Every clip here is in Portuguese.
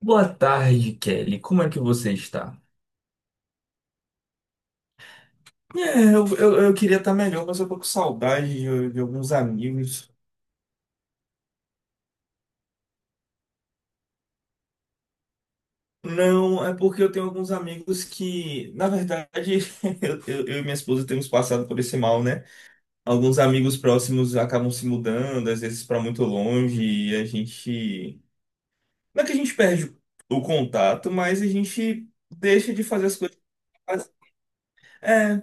Boa tarde, Kelly. Como é que você está? Eu queria estar melhor, mas eu tô com saudade de alguns amigos. Não, é porque eu tenho alguns amigos que, na verdade, eu e minha esposa temos passado por esse mal, né? Alguns amigos próximos acabam se mudando, às vezes para muito longe, e a gente. Não é que a gente perde o contato, mas a gente deixa de fazer as coisas. Que faz. É,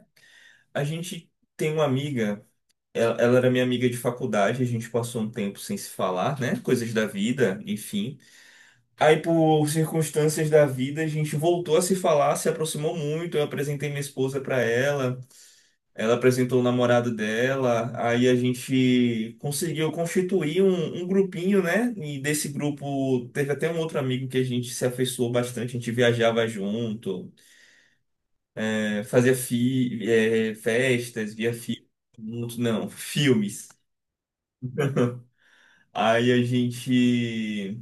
a gente tem uma amiga. Ela era minha amiga de faculdade, a gente passou um tempo sem se falar, né? Coisas da vida, enfim. Aí, por circunstâncias da vida, a gente voltou a se falar, se aproximou muito. Eu apresentei minha esposa para ela, ela apresentou o namorado dela. Aí a gente conseguiu constituir um grupinho, né? E desse grupo teve até um outro amigo que a gente se afeiçoou bastante. A gente viajava junto, festas, via fi, não, filmes. Aí a gente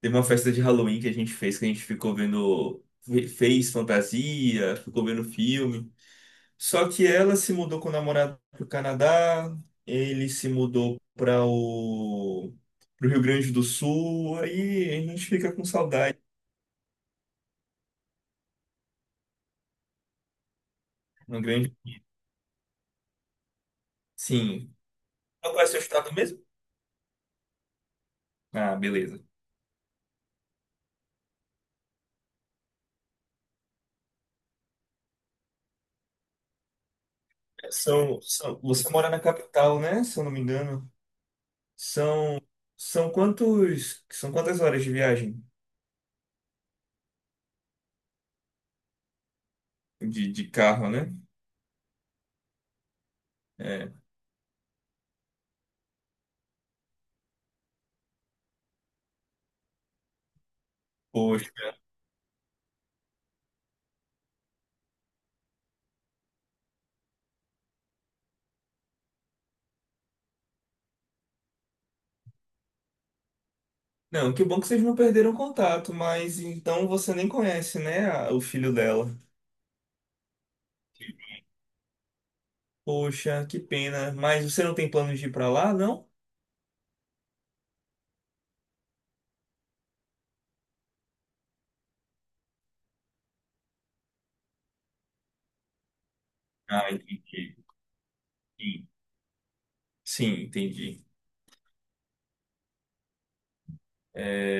teve uma festa de Halloween que a gente fez, que a gente ficou vendo, fez fantasia, ficou vendo filme. Só que ela se mudou com o namorado pro Canadá, ele se mudou para o pro Rio Grande do Sul, aí a gente fica com saudade. No grande, sim. Qual é o seu estado mesmo? Ah, beleza. Você mora na capital, né? Se eu não me engano. São, são quantas horas de viagem de carro, né? É, poxa. Não, que bom que vocês não perderam contato, mas então você nem conhece, né, o filho dela. Poxa, que pena. Mas você não tem planos de ir pra lá, não? Ah, entendi. Sim, sim, entendi. É,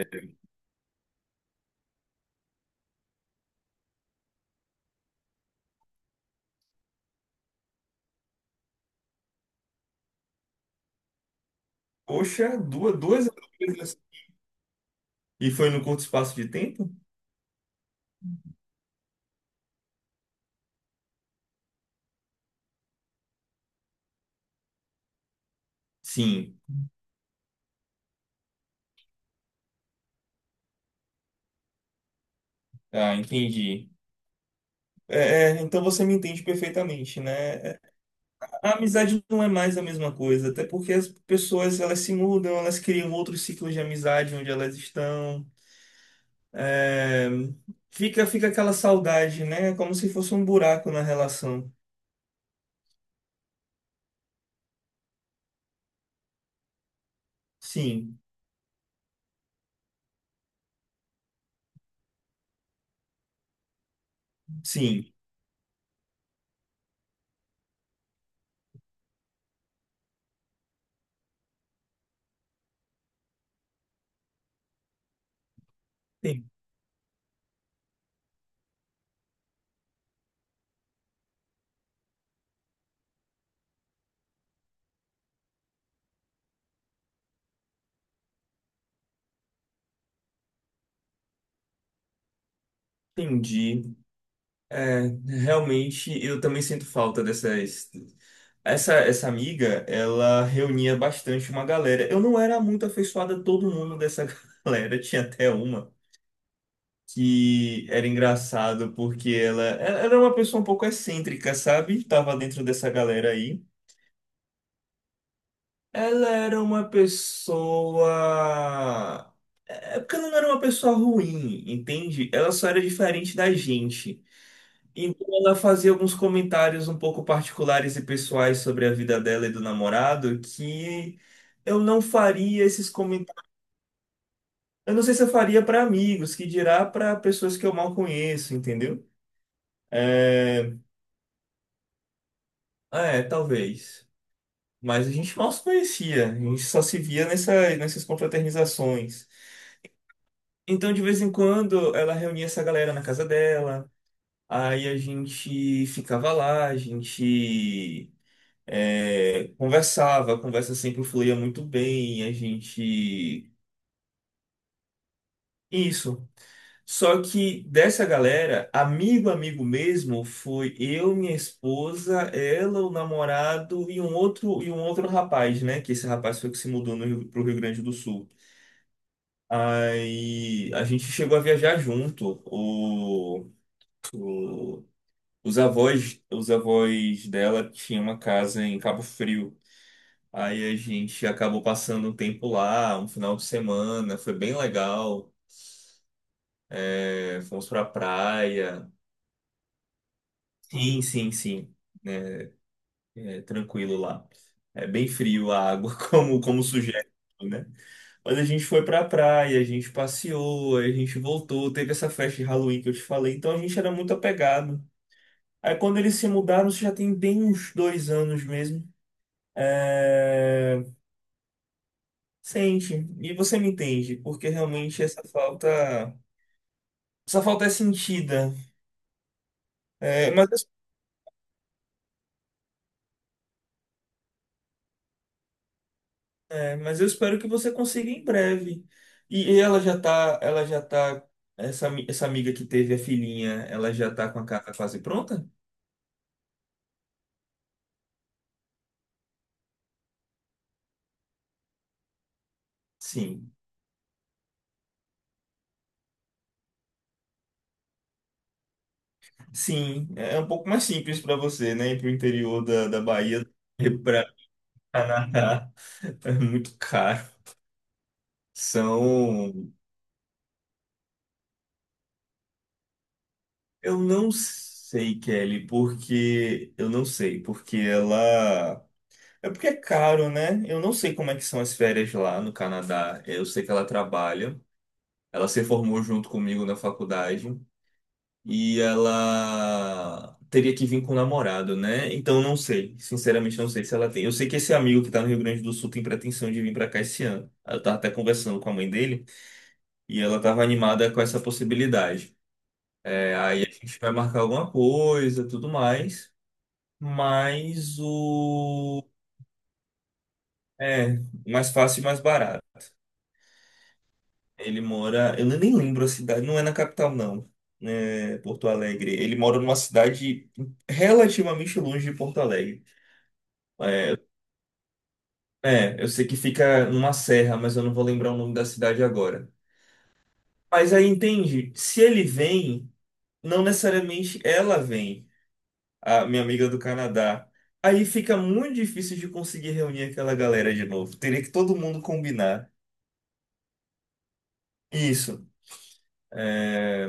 poxa, duas empresas. E foi no curto espaço de tempo? Sim. Ah, entendi. É, é, então você me entende perfeitamente, né? É, a amizade não é mais a mesma coisa, até porque as pessoas elas se mudam, elas criam outros ciclos de amizade onde elas estão. É, fica aquela saudade, né? Como se fosse um buraco na relação. Sim, sim, en- entendi. É, realmente, eu também sinto falta dessas. Essa amiga, ela reunia bastante uma galera. Eu não era muito afeiçoada a todo mundo dessa galera. Tinha até uma que era engraçado porque ela era uma pessoa um pouco excêntrica, sabe? Tava dentro dessa galera aí. Ela era uma pessoa. É porque ela não era uma pessoa ruim, entende? Ela só era diferente da gente. Então ela fazia alguns comentários um pouco particulares e pessoais sobre a vida dela e do namorado que eu não faria esses comentários. Eu não sei se eu faria para amigos, que dirá para pessoas que eu mal conheço, entendeu? É, ah, é, talvez. Mas a gente mal se conhecia, a gente só se via nessas confraternizações. Então, de vez em quando, ela reunia essa galera na casa dela. Aí a gente ficava lá, a gente é, conversava, a conversa sempre fluía muito bem, a gente. Isso. Só que dessa galera, amigo, amigo mesmo, foi eu, minha esposa, ela, o namorado e um outro rapaz, né? Que esse rapaz foi que se mudou no Rio, pro Rio Grande do Sul. Aí a gente chegou a viajar junto. Os avós dela tinham uma casa em Cabo Frio. Aí a gente acabou passando um tempo lá, um final de semana, foi bem legal. É, fomos pra praia. Sim, sim, sim. É, é tranquilo lá. É bem frio a água, como sugere, né? Mas a gente foi pra praia, a gente passeou, aí a gente voltou, teve essa festa de Halloween que eu te falei, então a gente era muito apegado. Aí quando eles se mudaram, isso já tem bem uns dois anos mesmo. É, sente, e você me entende, porque realmente essa falta é sentida. É, mas, eu- É, mas eu espero que você consiga em breve. Ela já tá, essa amiga que teve a filhinha, ela já tá com a casa quase pronta? Sim. Sim, é é um pouco mais simples para você, né? Ir pro interior da Bahia e para Canadá é muito caro. São, eu não sei, Kelly, porque eu não sei, porque ela é porque é caro, né? Eu não sei como é que são as férias lá no Canadá. Eu sei que ela trabalha. Ela se formou junto comigo na faculdade e ela teria que vir com o namorado, né? Então eu não sei, sinceramente eu não sei se ela tem. Eu sei que esse amigo que tá no Rio Grande do Sul tem pretensão de vir pra cá esse ano. Eu tava até conversando com a mãe dele e ela tava animada com essa possibilidade. É, aí a gente vai marcar alguma coisa, tudo mais. Mas o. É, mais fácil e mais barato. Ele mora. Eu nem lembro a cidade, não é na capital, não. É Porto Alegre. Ele mora numa cidade relativamente longe de Porto Alegre. É, eu sei que fica numa serra, mas eu não vou lembrar o nome da cidade agora. Mas aí entende, se ele vem, não necessariamente ela vem, a minha amiga do Canadá. Aí fica muito difícil de conseguir reunir aquela galera de novo. Teria que todo mundo combinar. Isso. é,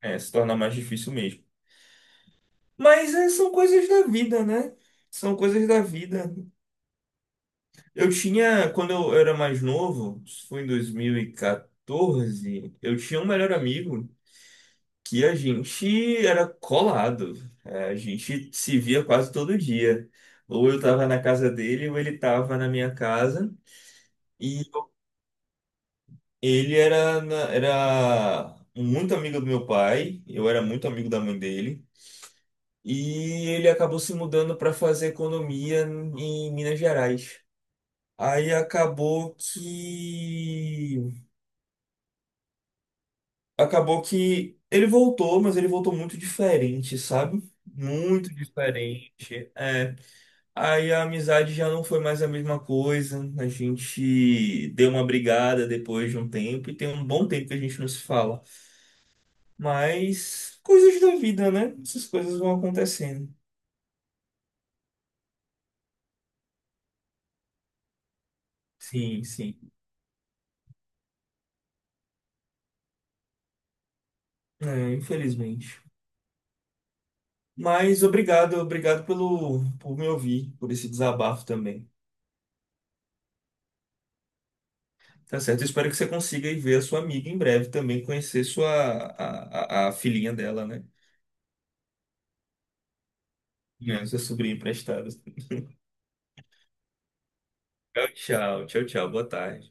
É, se torna mais difícil mesmo. Mas é, são coisas da vida, né? São coisas da vida. Eu tinha, quando eu era mais novo, isso foi em 2014, eu tinha um melhor amigo que a gente era colado. É, a gente se via quase todo dia. Ou eu tava na casa dele, ou ele tava na minha casa. E ele era, era muito amigo do meu pai, eu era muito amigo da mãe dele. E ele acabou se mudando para fazer economia em Minas Gerais. Aí acabou que. Acabou que ele voltou, mas ele voltou muito diferente, sabe? Muito diferente. É. Aí a amizade já não foi mais a mesma coisa. A gente deu uma brigada depois de um tempo, e tem um bom tempo que a gente não se fala. Mas coisas da vida, né? Essas coisas vão acontecendo. Sim, sim. É, infelizmente. Mas obrigado, por me ouvir, por esse desabafo também. Tá certo? Eu espero que você consiga ir ver a sua amiga em breve também, conhecer a filhinha dela, né? É. Sua sobrinha emprestada. Tchau, tchau, boa tarde.